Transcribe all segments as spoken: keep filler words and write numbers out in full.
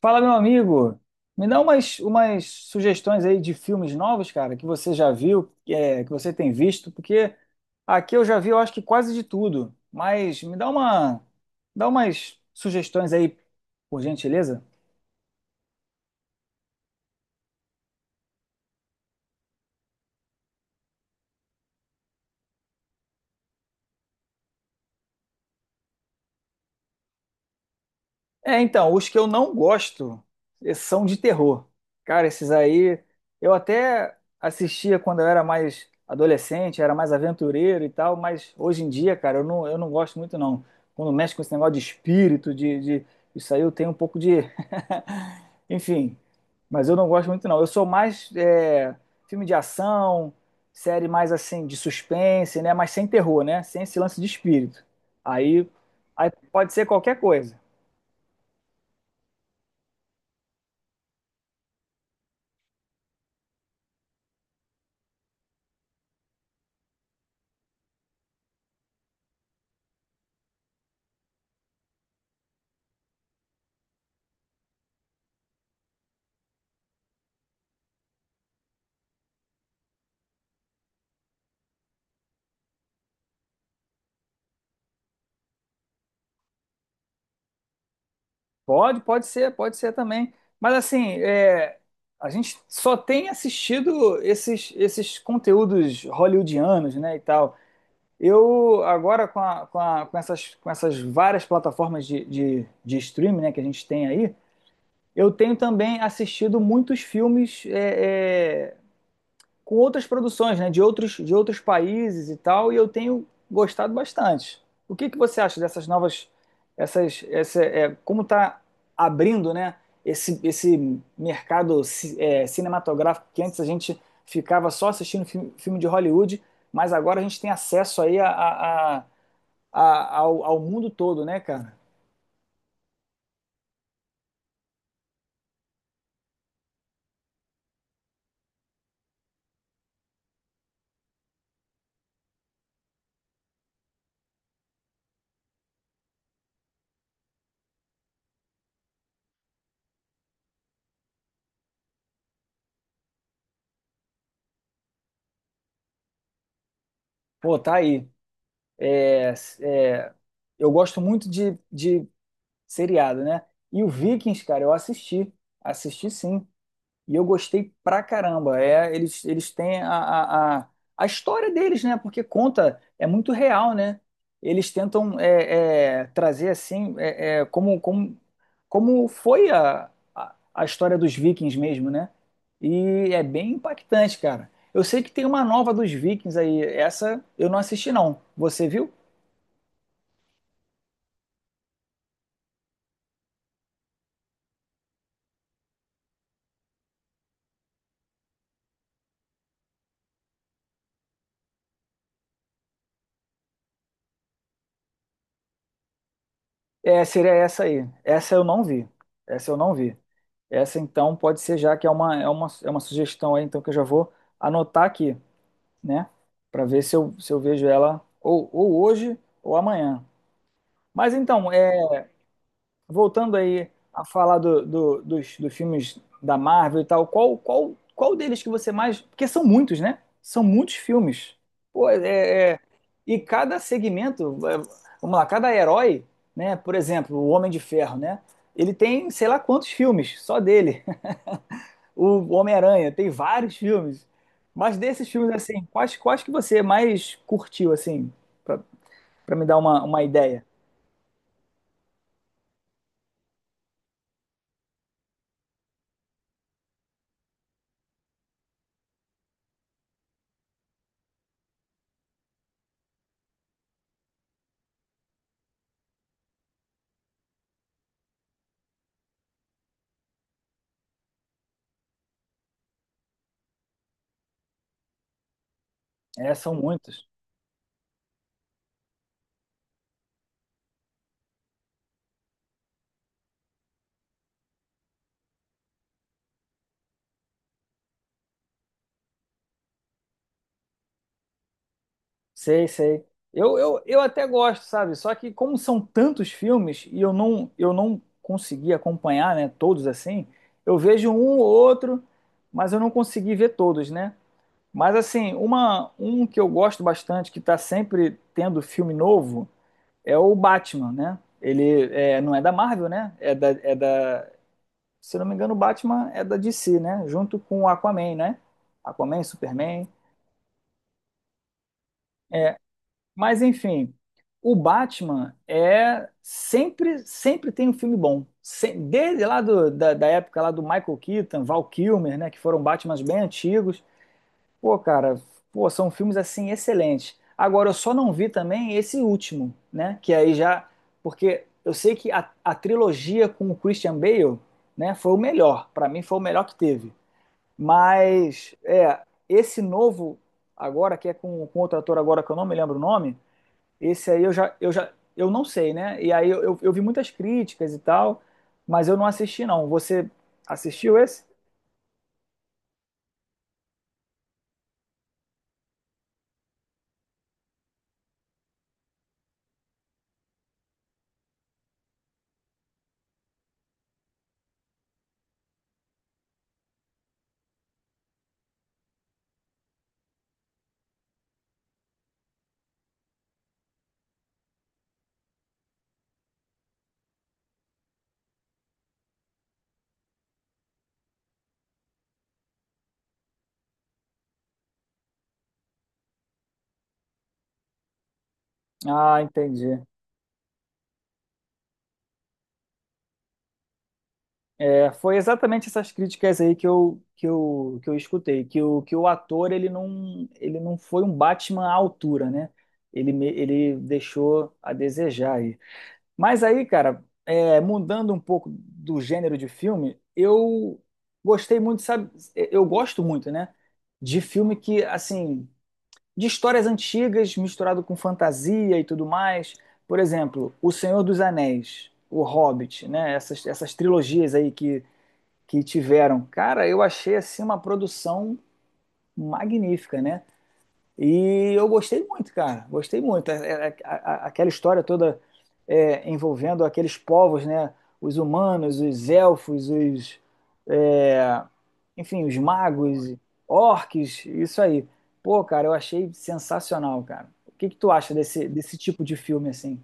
Fala, meu amigo. Me dá umas, umas sugestões aí de filmes novos, cara, que você já viu, que, é, que você tem visto, porque aqui eu já vi, eu acho que quase de tudo. Mas me dá uma, dá umas sugestões aí, por gentileza. É, então, os que eu não gosto eh, são de terror. Cara, esses aí eu até assistia quando eu era mais adolescente, era mais aventureiro e tal, mas hoje em dia, cara, eu não, eu não gosto muito não. Quando mexe com esse negócio de espírito, de, de isso aí eu tenho um pouco de. Enfim, mas eu não gosto muito não. Eu sou mais eh, filme de ação, série mais assim de suspense, né? Mas sem terror, né? Sem esse lance de espírito. Aí, aí pode ser qualquer coisa. Pode, pode ser, pode ser também. Mas assim, é, a gente só tem assistido esses, esses conteúdos hollywoodianos, né, e tal. Eu agora com, a- com, a- com essas, com essas várias plataformas de, de, de streaming, né, que a gente tem aí, eu tenho também assistido muitos filmes é, é, com outras produções, né, de outros, de outros países e tal, e eu tenho gostado bastante. O que, que você acha dessas novas, essas, essa, é, como está abrindo, né, esse, esse mercado ci- é, cinematográfico que antes a gente ficava só assistindo filme, filme de Hollywood, mas agora a gente tem acesso aí a, a- a- a- ao, ao mundo todo, né, cara? Pô, tá aí. É, é, Eu gosto muito de, de seriado, né? E o Vikings, cara, eu assisti, assisti sim. E eu gostei pra caramba. É, eles, eles têm a, a, a, a história deles, né? Porque conta, é muito real, né? Eles tentam é, é, trazer assim, é, é, como, como, como foi a, a, a história dos Vikings mesmo, né? E é bem impactante, cara. Eu sei que tem uma nova dos Vikings aí. Essa eu não assisti, não. Você viu? É, seria essa aí. Essa eu não vi. Essa eu não vi. Essa então pode ser já que é uma, é uma, é uma sugestão aí, então que eu já vou anotar aqui, né? Para ver se eu, se eu vejo ela ou, ou hoje ou amanhã. Mas então, é. Voltando aí a falar do- do- dos, dos filmes da Marvel e tal, qual, qual, qual deles que você mais. Porque são muitos, né? São muitos filmes. Pô, é, é- E cada segmento, é, vamos lá, cada herói, né? Por exemplo, o Homem de Ferro, né? Ele tem sei lá quantos filmes, só dele. O Homem-Aranha tem vários filmes. Mas desses filmes, assim, quais, quais que você mais curtiu, assim, pra, pra me dar uma, uma ideia? É, são muitos. Sei, sei. Eu, eu, eu até gosto, sabe? Só que como são tantos filmes e eu não eu não consegui acompanhar, né, todos assim, eu vejo um ou outro, mas eu não consegui ver todos, né? Mas assim, uma um que eu gosto bastante, que tá sempre tendo filme novo, é o Batman, né? Ele é, não é da Marvel, né? É da, é da, se eu não me engano, o Batman é da D C, né? Junto com o Aquaman, né? Aquaman, Superman. Mas enfim, o Batman é sempre sempre tem um filme bom. Se- Desde lá do- da, da época lá do Michael Keaton, Val Kilmer, né, que foram Batmans bem antigos. Pô, cara, pô, são filmes assim excelentes. Agora eu só não vi também esse último, né, que aí já porque eu sei que a, a trilogia com o Christian Bale, né, foi o melhor. Pra mim foi o melhor que teve. Mas é esse novo agora que é com, com outro ator agora que eu não me lembro o nome esse aí eu já, eu já, eu não sei, né? E aí eu, eu, eu vi muitas críticas e tal, mas eu não assisti, não. Você assistiu esse? Ah, entendi. É, foi exatamente essas críticas aí que eu, que eu, que eu escutei, que o, que o ator ele não, ele não foi um Batman à altura, né? Ele, me- ele deixou a desejar aí. Mas aí, cara, é, mudando um pouco do gênero de filme, eu gostei muito, sabe? Eu gosto muito, né? De filme que, assim, de histórias antigas misturado com fantasia e tudo mais. Por exemplo, O Senhor dos Anéis, O Hobbit, né? Essas, essas trilogias aí que, que tiveram. Cara, eu achei assim uma produção magnífica, né? E eu gostei muito, cara. Gostei muito. A- a- a- Aquela história toda é, envolvendo aqueles povos, né? Os humanos, os elfos, os, é, enfim, os magos, orques, isso aí. Pô, cara, eu achei sensacional, cara. O que que tu acha desse, desse tipo de filme assim?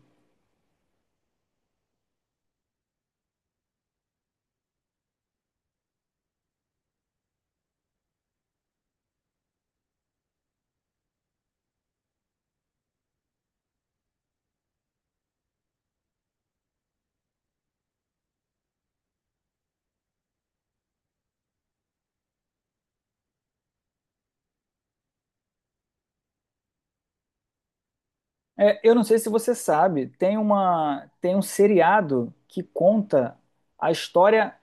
É, eu não sei se você sabe, tem uma, tem um seriado que conta a história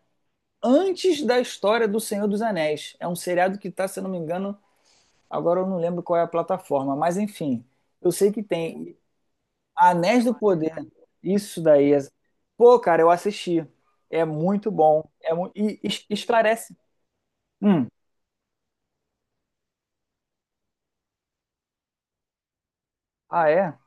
antes da história do Senhor dos Anéis. É um seriado que está, se eu não me engano, agora eu não lembro qual é a plataforma, mas enfim, eu sei que tem Anéis do Poder. Isso daí. é- Pô, cara, eu assisti. É muito bom. É mu... E es- esclarece. Hum. Ah, é?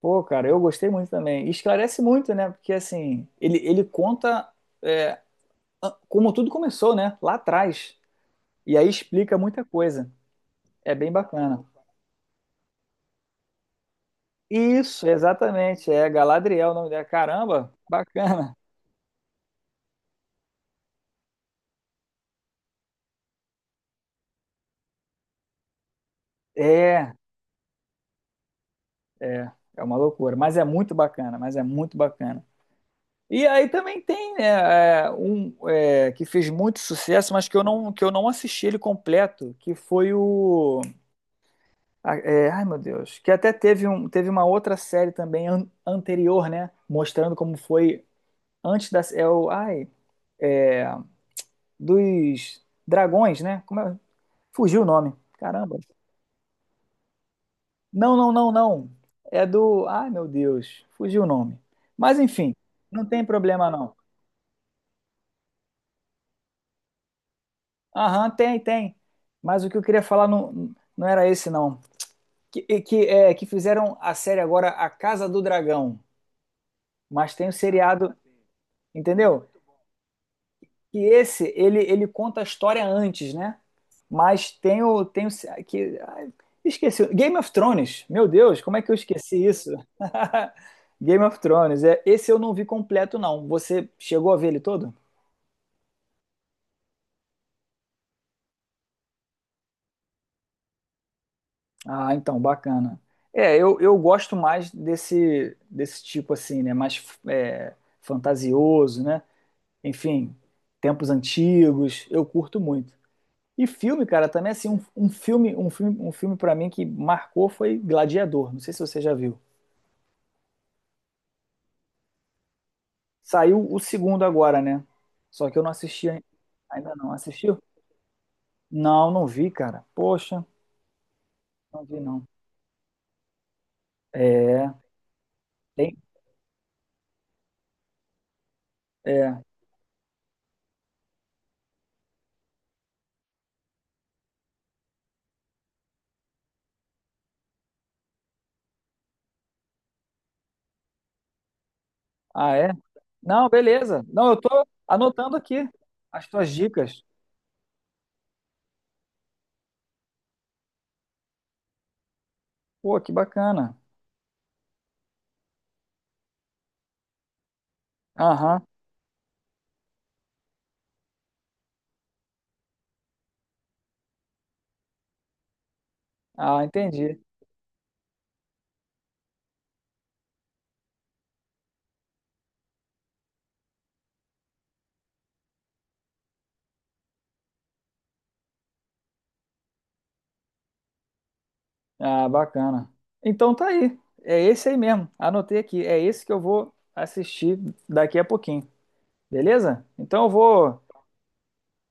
Pô, cara, eu gostei muito também. E esclarece muito, né? Porque assim, ele, ele conta é, a- como tudo começou, né? Lá atrás. E aí explica muita coisa. É bem bacana. Isso, exatamente. É Galadriel o nome dela. Caramba, bacana. É. É, é uma loucura, mas é muito bacana, mas é muito bacana. E aí também tem né, é, um é, que fez muito sucesso, mas que eu não, que eu não assisti ele completo, que foi o. a- é, ai meu Deus, que até teve, um, teve uma outra série também an- anterior, né? Mostrando como foi antes da. É o, ai, é, dos dragões, né? Como é? Fugiu o nome. Caramba. Não, não, não, não. É do. Ai, meu Deus, fugiu o nome. Mas enfim, não tem problema não. Aham, tem, tem. Mas o que eu queria falar não, não era esse, não. Que, e que, é, que fizeram a série agora A Casa do Dragão. Mas tem o seriado, entendeu? Que esse ele, ele conta a história antes, né? Mas tem o tem o que ai, esqueci Game of Thrones. Meu Deus, como é que eu esqueci isso? Game of Thrones. É, esse eu não vi completo não. Você chegou a ver ele todo? Ah, então bacana. É, eu, eu gosto mais desse desse tipo assim, né? Mais é, fantasioso, né? Enfim, tempos antigos. Eu curto muito. E filme, cara, também assim, um, um filme, um filme, um filme para mim que marcou foi Gladiador. Não sei se você já viu. Saiu o segundo agora, né? Só que eu não assisti ai- ainda não. Assistiu? Não, não vi, cara. Poxa, não vi não. É, tem, é. Ah, é? Não, beleza. Não, eu tô anotando aqui as tuas dicas. Pô, que bacana. Aham. Ah, entendi. Ah, bacana. Então tá aí. É esse aí mesmo. Anotei aqui. É esse que eu vou assistir daqui a pouquinho. Beleza? Então eu vou,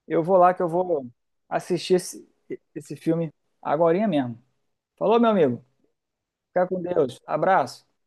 eu vou lá que eu vou assistir esse, esse filme agorinha mesmo. Falou, meu amigo. Fica com Deus. Abraço.